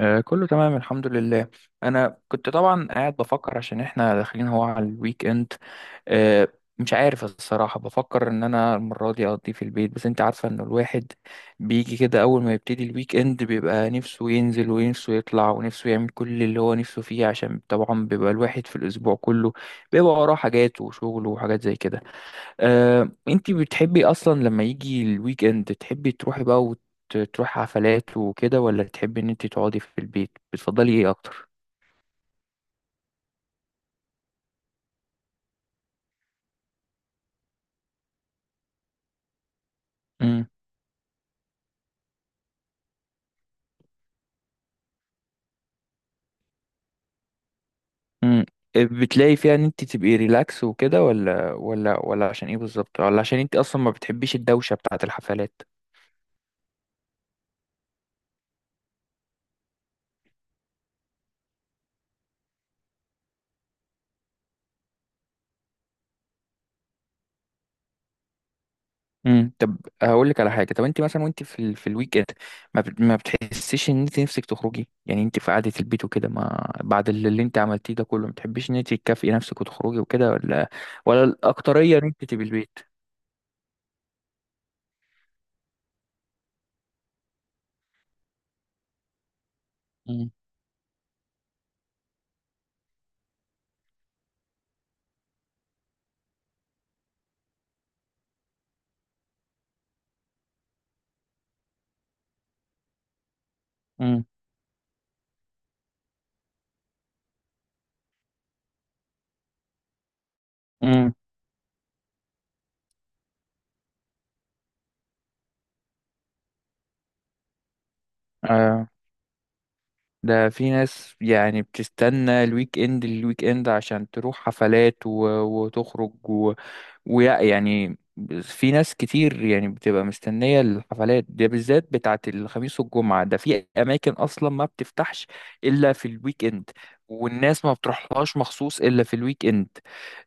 كله تمام الحمد لله. انا كنت طبعا قاعد بفكر عشان احنا داخلين هو على الويك اند. آه، مش عارف الصراحة بفكر ان انا المرة دي اقضيه في البيت، بس انت عارفة ان الواحد بيجي كده اول ما يبتدي الويك اند بيبقى نفسه ينزل ونفسه يطلع ونفسه يعمل كل اللي هو نفسه فيه، عشان طبعا بيبقى الواحد في الاسبوع كله بيبقى وراه حاجات وشغله وحاجات زي كده. انتي بتحبي اصلا لما يجي الويك اند تحبي تروحي بقى وتروحي حفلات وكده، ولا تحبي ان انتي تقعدي في البيت؟ بتفضلي ايه اكتر؟ امم. امم. بتلاقي فيها ان انتي تبقي ريلاكس وكده، ولا عشان ايه بالظبط، ولا عشان انتي اصلا ما بتحبيش الدوشة بتاعة الحفلات؟ امم. طب هقول لك على حاجه. طب انت مثلا وانت في في الويك اند ما بتحسيش ان انت نفسك تخرجي؟ يعني انت في قعده البيت وكده، ما بعد اللي انت عملتيه ده كله ما بتحبيش ان انت تكافئي نفسك وتخرجي وكده، ولا الاكتريه ان انت تبقي البيت؟ امم. امم. امم. آه. ده في ناس يعني بتستنى الويك اند عشان تروح حفلات وتخرج، يعني في ناس كتير يعني بتبقى مستنية الحفلات دي بالذات بتاعة الخميس والجمعة، ده في أماكن أصلا ما بتفتحش إلا في الويك إند، والناس ما بتروحلهاش مخصوص إلا في الويك إند.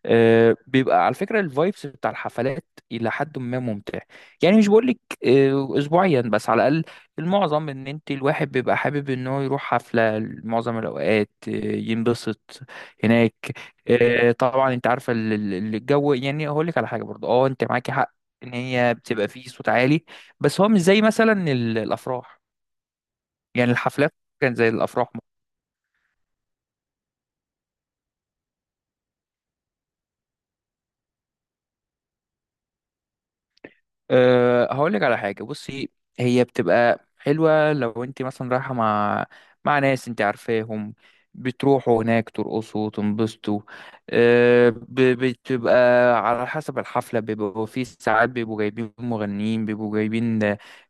بيبقى على فكرة الفايبس بتاع الحفلات إلى حد ما ممتع. يعني مش بقولك أسبوعيا، بس على الأقل المعظم إن أنت الواحد بيبقى حابب إن هو يروح حفلة معظم الأوقات ينبسط هناك. طبعا أنت عارفة الجو، يعني هقولك على حاجة برضه، أه أنت معاكي حق إن هي بتبقى فيه صوت عالي، بس هو مش زي مثلا الأفراح. يعني الحفلات كان زي الأفراح. أه هقول لك على حاجة، بصي. هي بتبقى حلوة لو انت مثلا رايحة مع ناس انت عارفاهم، بتروحوا هناك ترقصوا وتنبسطوا. أه ب- بتبقى على حسب الحفلة بيبقوا في ساعات بيبقوا جايبين مغنيين، بيبقوا جايبين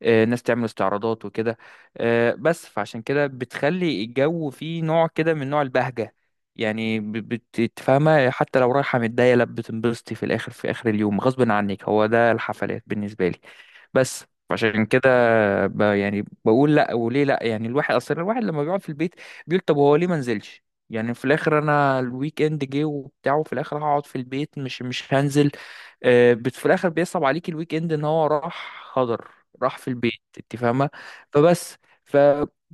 أه ناس تعمل استعراضات وكده. أه بس فعشان كده بتخلي الجو فيه نوع كده من نوع البهجة. يعني بتتفاهمها حتى لو رايحة متضايقة لا بتنبسطي في الآخر، في آخر اليوم غصب عنك. هو ده الحفلات بالنسبة لي. بس عشان كده يعني بقول لا، وليه لا؟ يعني الواحد اصلا الواحد لما بيقعد في البيت بيقول طب هو ليه ما نزلش؟ يعني في الاخر انا الويك اند جه وبتاع وفي الاخر هقعد في البيت، مش هنزل. بت في الاخر بيصعب عليك الويك اند ان هو راح خضر، راح في البيت، انت فاهمه؟ فبس ف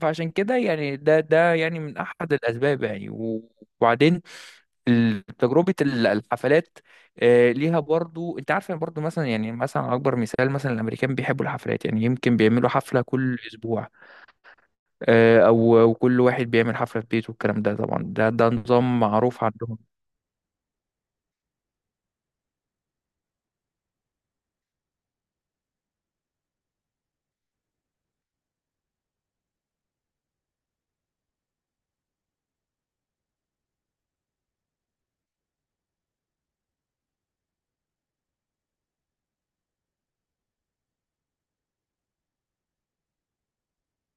فعشان كده يعني ده يعني من احد الاسباب يعني، وبعدين تجربة الحفلات ليها برضو، انت عارف. يعني برضو مثلا يعني مثلا اكبر مثال مثلا الامريكان بيحبوا الحفلات، يعني يمكن بيعملوا حفلة كل اسبوع او كل واحد بيعمل حفلة في بيته، والكلام ده طبعا ده نظام معروف عندهم.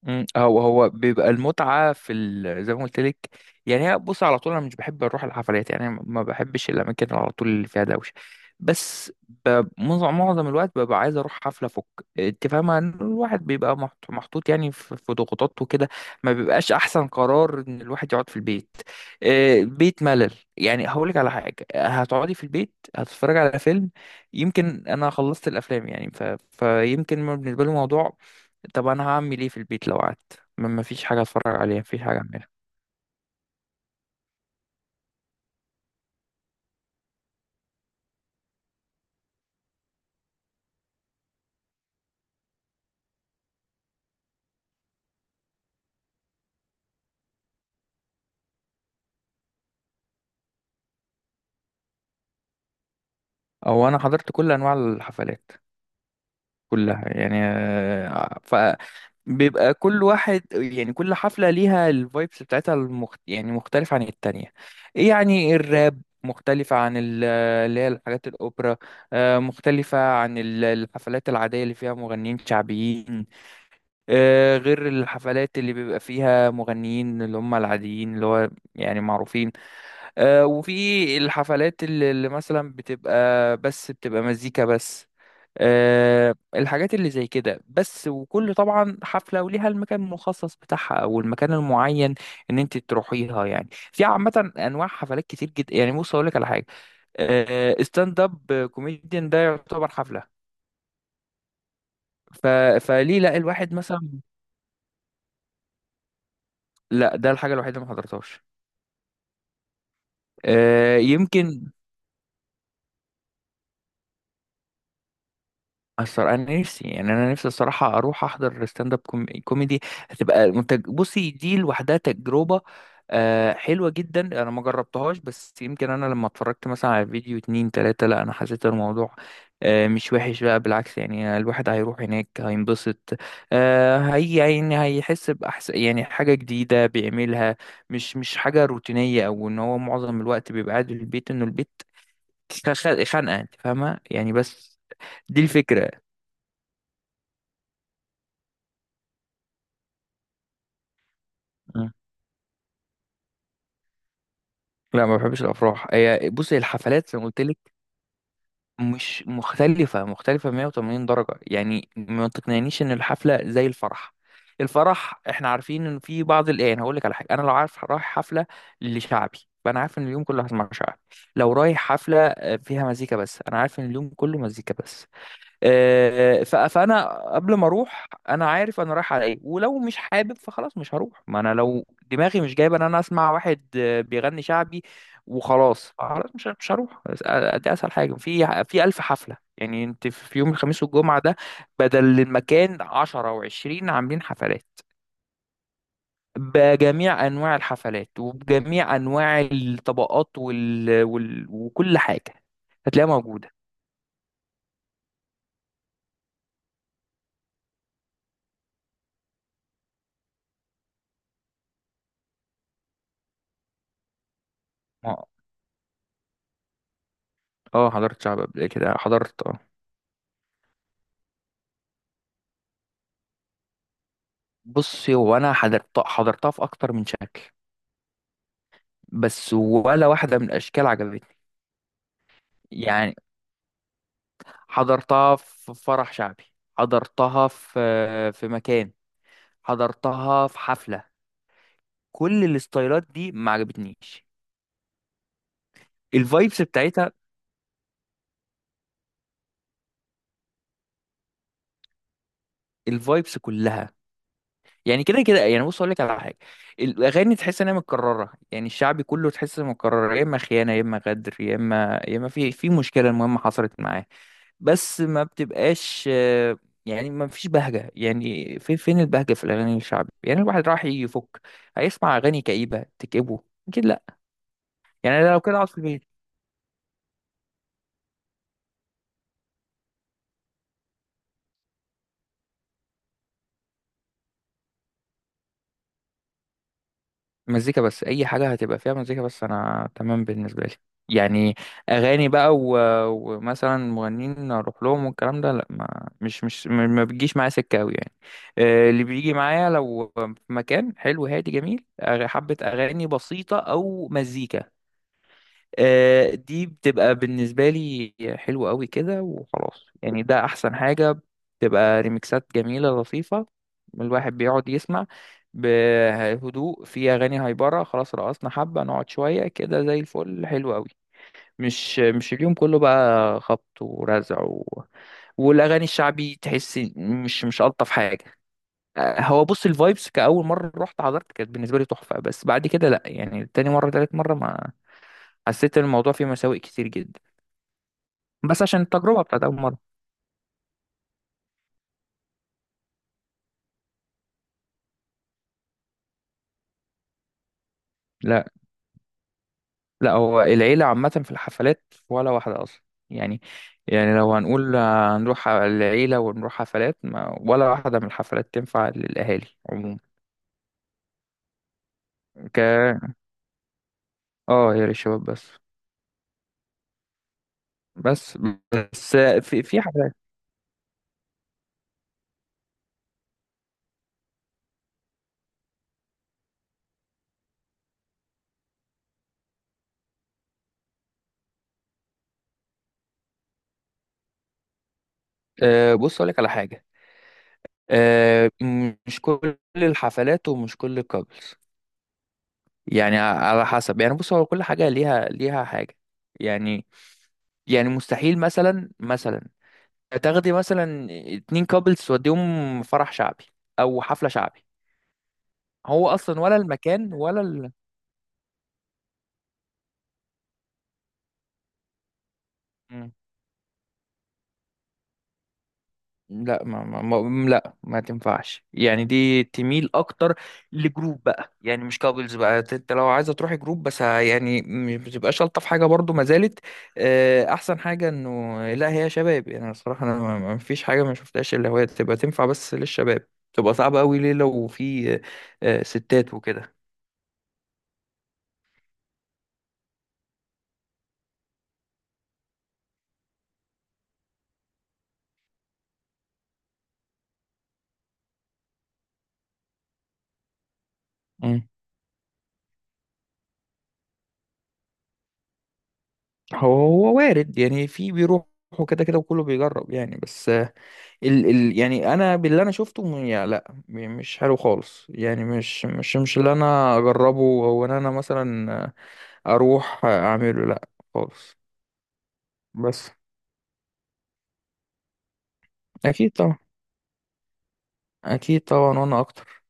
مم. هو بيبقى المتعة في زي ما قلت لك. يعني هي بص، على طول انا مش بحب اروح الحفلات، يعني ما بحبش الاماكن اللي على طول اللي فيها دوشة، بس معظم الوقت ببقى عايز اروح حفلة فك. انت فاهمة ان الواحد بيبقى محطوط يعني في ضغوطات وكده، ما بيبقاش احسن قرار ان الواحد يقعد في البيت. بيت ملل. يعني هقولك على حاجة، هتقعدي في البيت هتتفرجي على فيلم؟ يمكن انا خلصت الافلام يعني فيمكن بالنسبة لي الموضوع، طب انا هعمل ايه في البيت لو قعدت ما فيش حاجه اتفرج عليها ما فيش حاجه اعملها؟ او انا حضرت كل انواع الحفلات كلها، يعني ف بيبقى كل واحد يعني كل حفله ليها الفايبس بتاعتها يعني مختلفه عن التانية. إيه يعني الراب مختلفة عن اللي هي الحاجات الأوبرا، مختلفة عن الحفلات العادية اللي فيها مغنيين شعبيين، غير الحفلات اللي بيبقى فيها مغنيين اللي هم العاديين اللي هو يعني معروفين، وفي الحفلات اللي مثلا بتبقى بس بتبقى مزيكا بس، الحاجات اللي زي كده بس. وكل طبعا حفلة وليها المكان المخصص بتاعها او المكان المعين ان انت تروحيها. يعني في عامة انواع حفلات كتير جدا، يعني بص اقول لك على حاجة، ستاند اب كوميديان ده يعتبر حفلة، ف... فليه لا الواحد مثلا؟ لا ده الحاجة الوحيدة اللي ما حضرتهاش يمكن. الصراحة أنا نفسي، يعني أنا نفسي الصراحة أروح أحضر ستاند أب كوميدي، هتبقى منتج. بصي دي لوحدها تجربة حلوة جدا أنا ما جربتهاش، بس يمكن أنا لما اتفرجت مثلا على فيديو اتنين تلاتة لا أنا حسيت الموضوع مش وحش بقى، بالعكس يعني الواحد هيروح هناك هينبسط. هي يعني هيحس بأحسن، يعني حاجة جديدة بيعملها، مش حاجة روتينية أو إن هو معظم الوقت بيبقى قاعد في البيت إنه البيت خانقة، أنت فاهمة يعني. بس دي الفكرة. لا ما بحبش الافراح. هي بص هي الحفلات زي ما قلت لك مش مختلفه، 180 درجه يعني. ما تقنعنيش ان الحفله زي الفرح. الفرح احنا عارفين ان في بعض الايه. هقول لك على حاجه، انا لو عارف رايح حفله لشعبي فانا عارف ان اليوم كله هسمع شعبي، لو رايح حفله فيها مزيكا بس انا عارف ان اليوم كله مزيكا بس. فانا قبل ما اروح انا عارف انا رايح على ايه، ولو مش حابب فخلاص مش هروح. ما انا لو دماغي مش جايبه ان انا اسمع واحد بيغني شعبي وخلاص، خلاص مش هروح. دي اسهل حاجه في الف حفله. يعني انت في يوم الخميس والجمعه ده بدل المكان 10 و20 عاملين حفلات بجميع انواع الحفلات وبجميع انواع الطبقات وكل حاجه هتلاقيها موجوده. اه حضرت شعب قبل كده، حضرت آه. بصي هو انا حضرت، حضرتها في اكتر من شكل، بس ولا واحده من الاشكال عجبتني. يعني حضرتها في فرح شعبي، حضرتها في مكان، حضرتها في حفله، كل الاستايلات دي ما عجبتنيش الفايبس بتاعتها، الفايبس كلها. يعني كده كده يعني بص اقول لك على حاجه، الاغاني تحس انها متكرره، يعني الشعبي كله تحس انها متكرره يا اما خيانه يا اما غدر يا اما يا اما في مشكله المهمه حصلت معاه، بس ما بتبقاش يعني ما فيش بهجة. يعني في فين البهجة في الأغاني الشعبي؟ يعني الواحد راح يفك هيسمع أغاني كئيبة تكئبه؟ أكيد لأ. يعني أنا لو كده أقعد في البيت. مزيكا بس، أي حاجة هتبقى فيها مزيكا بس أنا تمام بالنسبة لي. يعني أغاني بقى ومثلا مغنيين أروح لهم والكلام ده لأ، ما مش مش ما ما بتجيش معايا سكة أوي يعني. اللي بيجي معايا لو في مكان حلو هادي جميل، حبة أغاني بسيطة أو مزيكا دي بتبقى بالنسبة لي حلوة قوي كده وخلاص. يعني ده أحسن حاجة، بتبقى ريميكسات جميلة لطيفة الواحد بيقعد يسمع بهدوء. في أغاني هايبرة خلاص رقصنا حبة نقعد شوية كده زي الفل حلو قوي، مش اليوم كله بقى خبط ورزع، والأغاني الشعبي تحس مش ألطف حاجة. هو بص الفايبس كأول مرة رحت حضرت كانت بالنسبة لي تحفة، بس بعد كده لأ يعني تاني مرة تالت مرة ما حسيت إن الموضوع فيه مساوئ كتير جدا، بس عشان التجربة بتاعت أول مرة. لا. لا هو العيلة عامة في الحفلات ولا واحدة أصلا. يعني يعني لو هنقول هنروح العيلة ونروح حفلات، ما ولا واحدة من الحفلات تنفع للأهالي عموما. ك اه هي للشباب بس. بس بس في حفلات بص أقول لك على حاجة آه، مش كل الحفلات ومش كل الكابلز. يعني على حسب، يعني بص هو كل حاجة ليها حاجة. يعني يعني مستحيل مثلا مثلا تاخدي مثلا اتنين كابلز توديهم فرح شعبي او حفلة شعبي، هو اصلا ولا المكان ولا مم. لا ما, ما, ما لا ما تنفعش يعني، دي تميل اكتر لجروب بقى، يعني مش كابلز بقى، انت لو عايزه تروحي جروب بس يعني مش بتبقاش الطف حاجه برضو، ما زالت احسن حاجه انه لا هي شباب. يعني الصراحه انا ما فيش حاجه ما شفتهاش اللي هو تبقى تنفع بس للشباب، تبقى صعبه قوي ليه لو في ستات وكده. مم. هو وارد يعني، في بيروحوا كده كده وكله بيجرب يعني، بس ال يعني انا باللي انا شفته يا لا مش حلو خالص، يعني مش اللي انا اجربه او ان انا مثلا اروح اعمله لا خالص. بس اكيد طبعا. اكيد طبعا وانا اكتر.